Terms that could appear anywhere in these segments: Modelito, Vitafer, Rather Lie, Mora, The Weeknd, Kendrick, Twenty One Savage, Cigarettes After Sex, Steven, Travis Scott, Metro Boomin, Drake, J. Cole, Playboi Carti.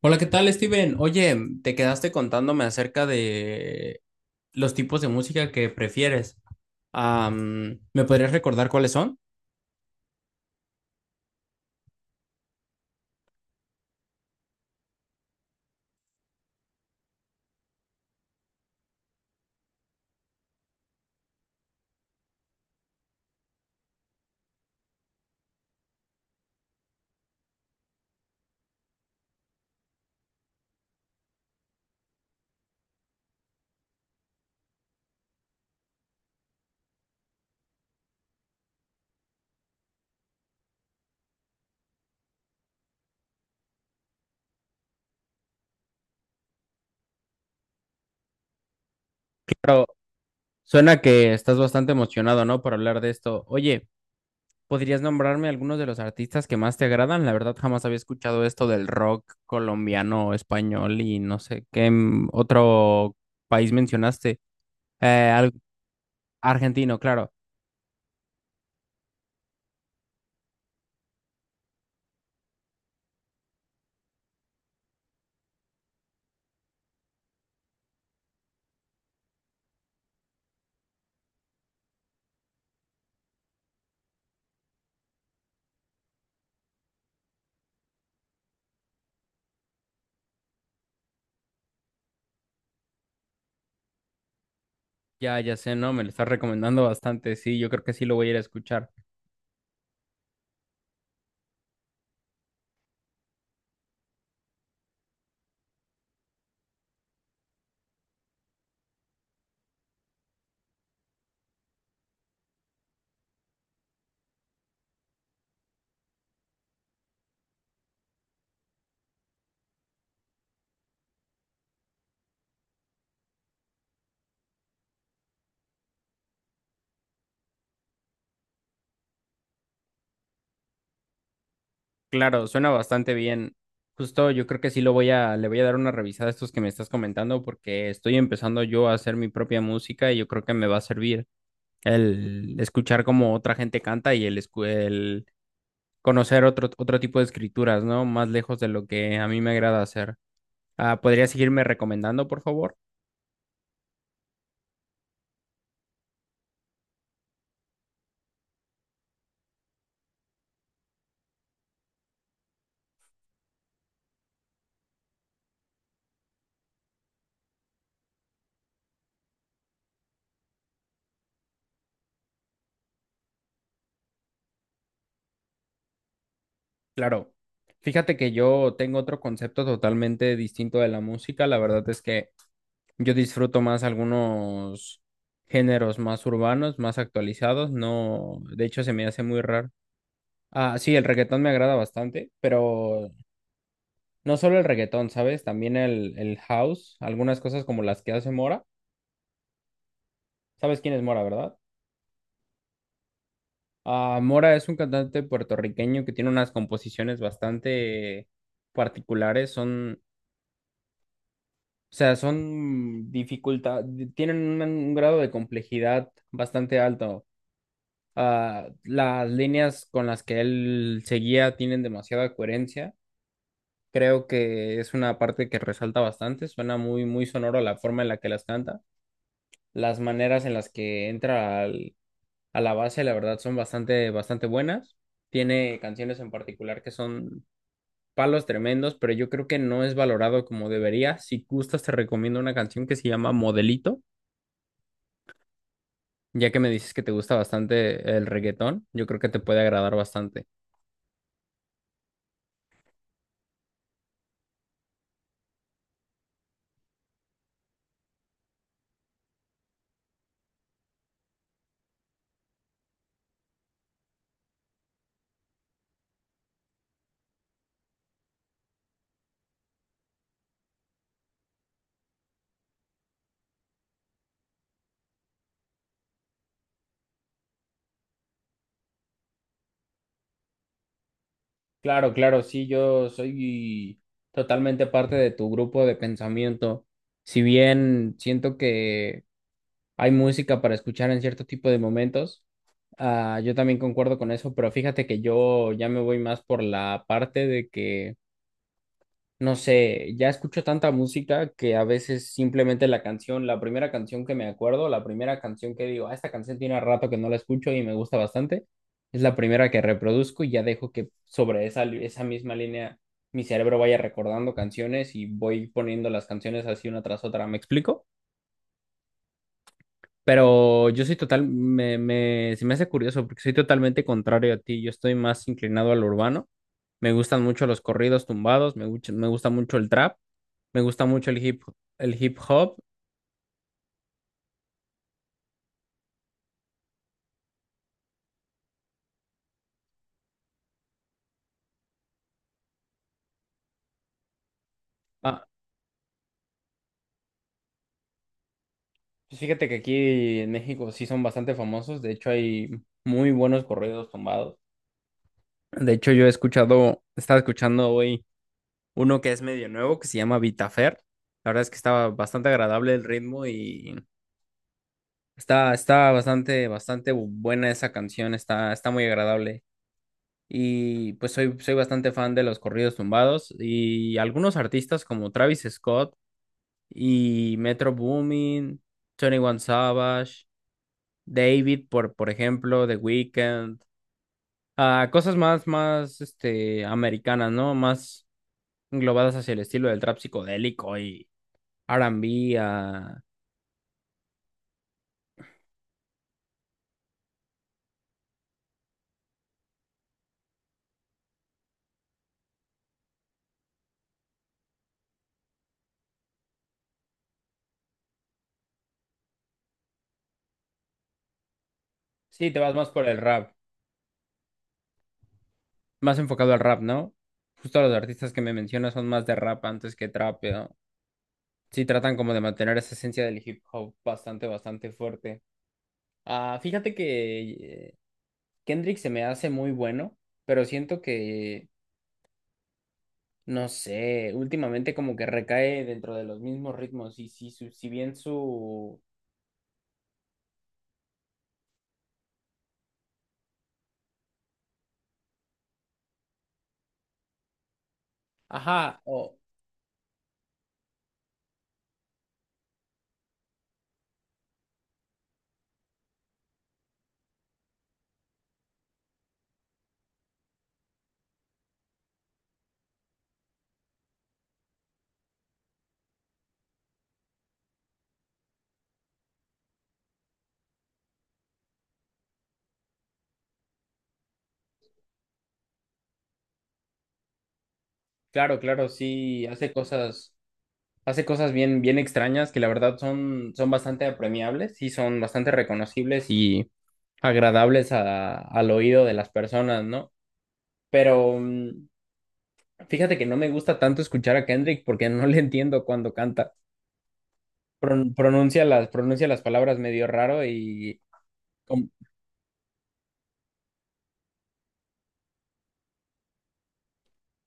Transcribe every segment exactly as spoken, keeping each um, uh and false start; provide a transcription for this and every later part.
Hola, ¿qué tal, Steven? Oye, te quedaste contándome acerca de los tipos de música que prefieres. Am, ¿me podrías recordar cuáles son? Claro, suena que estás bastante emocionado, ¿no? Por hablar de esto. Oye, ¿podrías nombrarme algunos de los artistas que más te agradan? La verdad, jamás había escuchado esto del rock colombiano, español y no sé qué mm, otro país mencionaste. Eh, al- argentino, claro. Ya, ya sé, ¿no? Me lo estás recomendando bastante. Sí, yo creo que sí lo voy a ir a escuchar. Claro, suena bastante bien. Justo yo creo que sí lo voy a, le voy a dar una revisada a estos que me estás comentando porque estoy empezando yo a hacer mi propia música y yo creo que me va a servir el escuchar cómo otra gente canta y el, escu- el conocer otro, otro tipo de escrituras, ¿no? Más lejos de lo que a mí me agrada hacer. Ah, ¿podría seguirme recomendando, por favor? Claro. Fíjate que yo tengo otro concepto totalmente distinto de la música. La verdad es que yo disfruto más algunos géneros más urbanos, más actualizados. No, de hecho se me hace muy raro. Ah, sí, el reggaetón me agrada bastante, pero no solo el reggaetón, ¿sabes? También el, el house, algunas cosas como las que hace Mora. ¿Sabes quién es Mora, verdad? Ah, Mora es un cantante puertorriqueño que tiene unas composiciones bastante particulares. Son, o sea, son dificultad, tienen un un grado de complejidad bastante alto. Ah, las líneas con las que él seguía tienen demasiada coherencia. Creo que es una parte que resalta bastante. Suena muy, muy sonoro la forma en la que las canta. Las maneras en las que entra al- a la base, la verdad, son bastante, bastante buenas. Tiene canciones en particular que son palos tremendos, pero yo creo que no es valorado como debería. Si gustas, te recomiendo una canción que se llama Modelito, ya que me dices que te gusta bastante el reggaetón. Yo creo que te puede agradar bastante. Claro, claro, sí, yo soy totalmente parte de tu grupo de pensamiento. Si bien siento que hay música para escuchar en cierto tipo de momentos, ah, yo también concuerdo con eso, pero fíjate que yo ya me voy más por la parte de que no sé, ya escucho tanta música que a veces simplemente la canción, la primera canción que me acuerdo, la primera canción que digo, ah, esta canción tiene rato que no la escucho y me gusta bastante, es la primera que reproduzco y ya dejo que sobre esa, li- esa misma línea mi cerebro vaya recordando canciones y voy poniendo las canciones así una tras otra, ¿me explico? Pero yo soy total, me, me, se me hace curioso porque soy totalmente contrario a ti, yo estoy más inclinado al urbano, me gustan mucho los corridos tumbados, me, guch- me gusta mucho el trap. Me gusta mucho el hip, el hip hop. Ah, pues fíjate que aquí en México sí son bastante famosos. De hecho, hay muy buenos corridos tumbados. De hecho, yo he escuchado, estaba escuchando hoy uno que es medio nuevo, que se llama Vitafer. La verdad es que estaba bastante agradable el ritmo y está, está bastante, bastante buena esa canción. Está, está muy agradable. Y pues soy, soy bastante fan de los corridos tumbados y algunos artistas como Travis Scott y Metro Boomin, Twenty One Savage, David, por, por ejemplo, The Weeknd, ah, cosas más, más, este, americanas, ¿no? Más englobadas hacia el estilo del trap psicodélico y R and B, ah, sí, te vas más por el rap, más enfocado al rap, ¿no? Justo los artistas que me mencionas son más de rap antes que trap, ¿no? Sí, tratan como de mantener esa esencia del hip hop bastante, bastante fuerte. Ah, fíjate que Kendrick se me hace muy bueno, pero siento que, no sé, últimamente como que recae dentro de los mismos ritmos y si, su- si bien su... Ajá, o claro, claro, sí, hace cosas, hace cosas bien, bien extrañas que la verdad son, son bastante apremiables y son bastante reconocibles y agradables a- al oído de las personas, ¿no? Pero mm, fíjate que no me gusta tanto escuchar a Kendrick porque no le entiendo cuando canta. Pron- pronuncia las, pronuncia las palabras medio raro y com-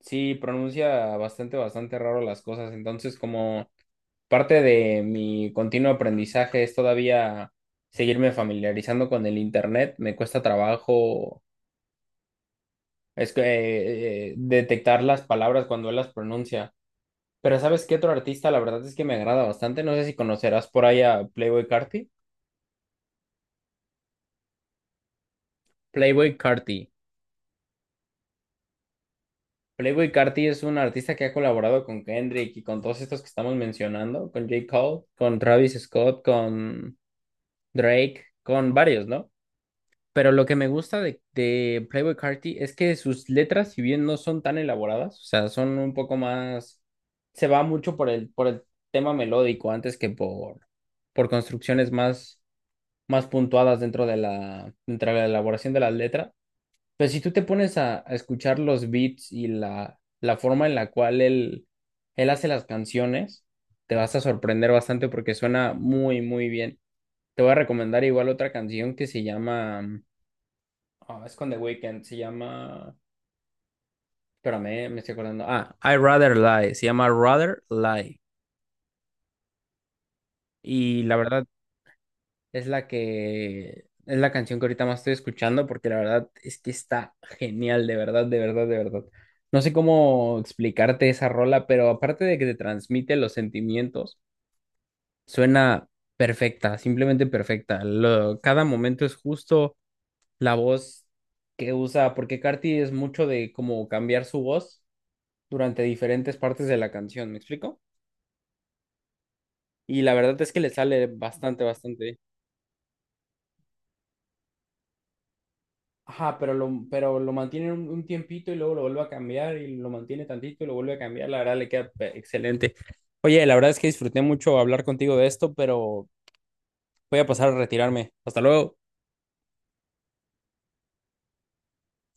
sí, pronuncia bastante, bastante raro las cosas. Entonces, como parte de mi continuo aprendizaje es todavía seguirme familiarizando con el internet. Me cuesta trabajo es que, eh, eh, detectar las palabras cuando él las pronuncia. Pero ¿sabes qué otro artista? La verdad es que me agrada bastante. No sé si conocerás por ahí a Playboy Carti. Playboy Carti. Playboi Carti es un artista que ha colaborado con Kendrick y con todos estos que estamos mencionando, con J. Cole, con Travis Scott, con Drake, con varios, ¿no? Pero lo que me gusta de, de Playboi Carti es que sus letras, si bien no son tan elaboradas, o sea, son un poco más, se va mucho por el, por el tema melódico antes que por, por construcciones más, más puntuadas dentro de la, dentro de la elaboración de las letras. Pero si tú te pones a, a escuchar los beats y la, la forma en la cual él, él hace las canciones, te vas a sorprender bastante porque suena muy, muy bien. Te voy a recomendar igual otra canción que se llama, mm, ah, es con The Weeknd, se llama, espérame, me estoy acordando. Ah, I Rather Lie, se llama Rather Lie. Y la verdad es la que es la canción que ahorita más estoy escuchando porque la verdad es que está genial, de verdad, de verdad, de verdad. No sé cómo explicarte esa rola, pero aparte de que te transmite los sentimientos, suena perfecta, simplemente perfecta. Lo- cada momento es justo la voz que usa, porque Carti es mucho de como cambiar su voz durante diferentes partes de la canción, ¿me explico? Y la verdad es que le sale bastante, bastante bien. Ajá, pero lo, pero lo mantiene un, un tiempito y luego lo vuelve a cambiar y lo mantiene tantito y lo vuelve a cambiar. La verdad le queda pe- excelente. Oye, la verdad es que disfruté mucho hablar contigo de esto, pero voy a pasar a retirarme. Hasta luego.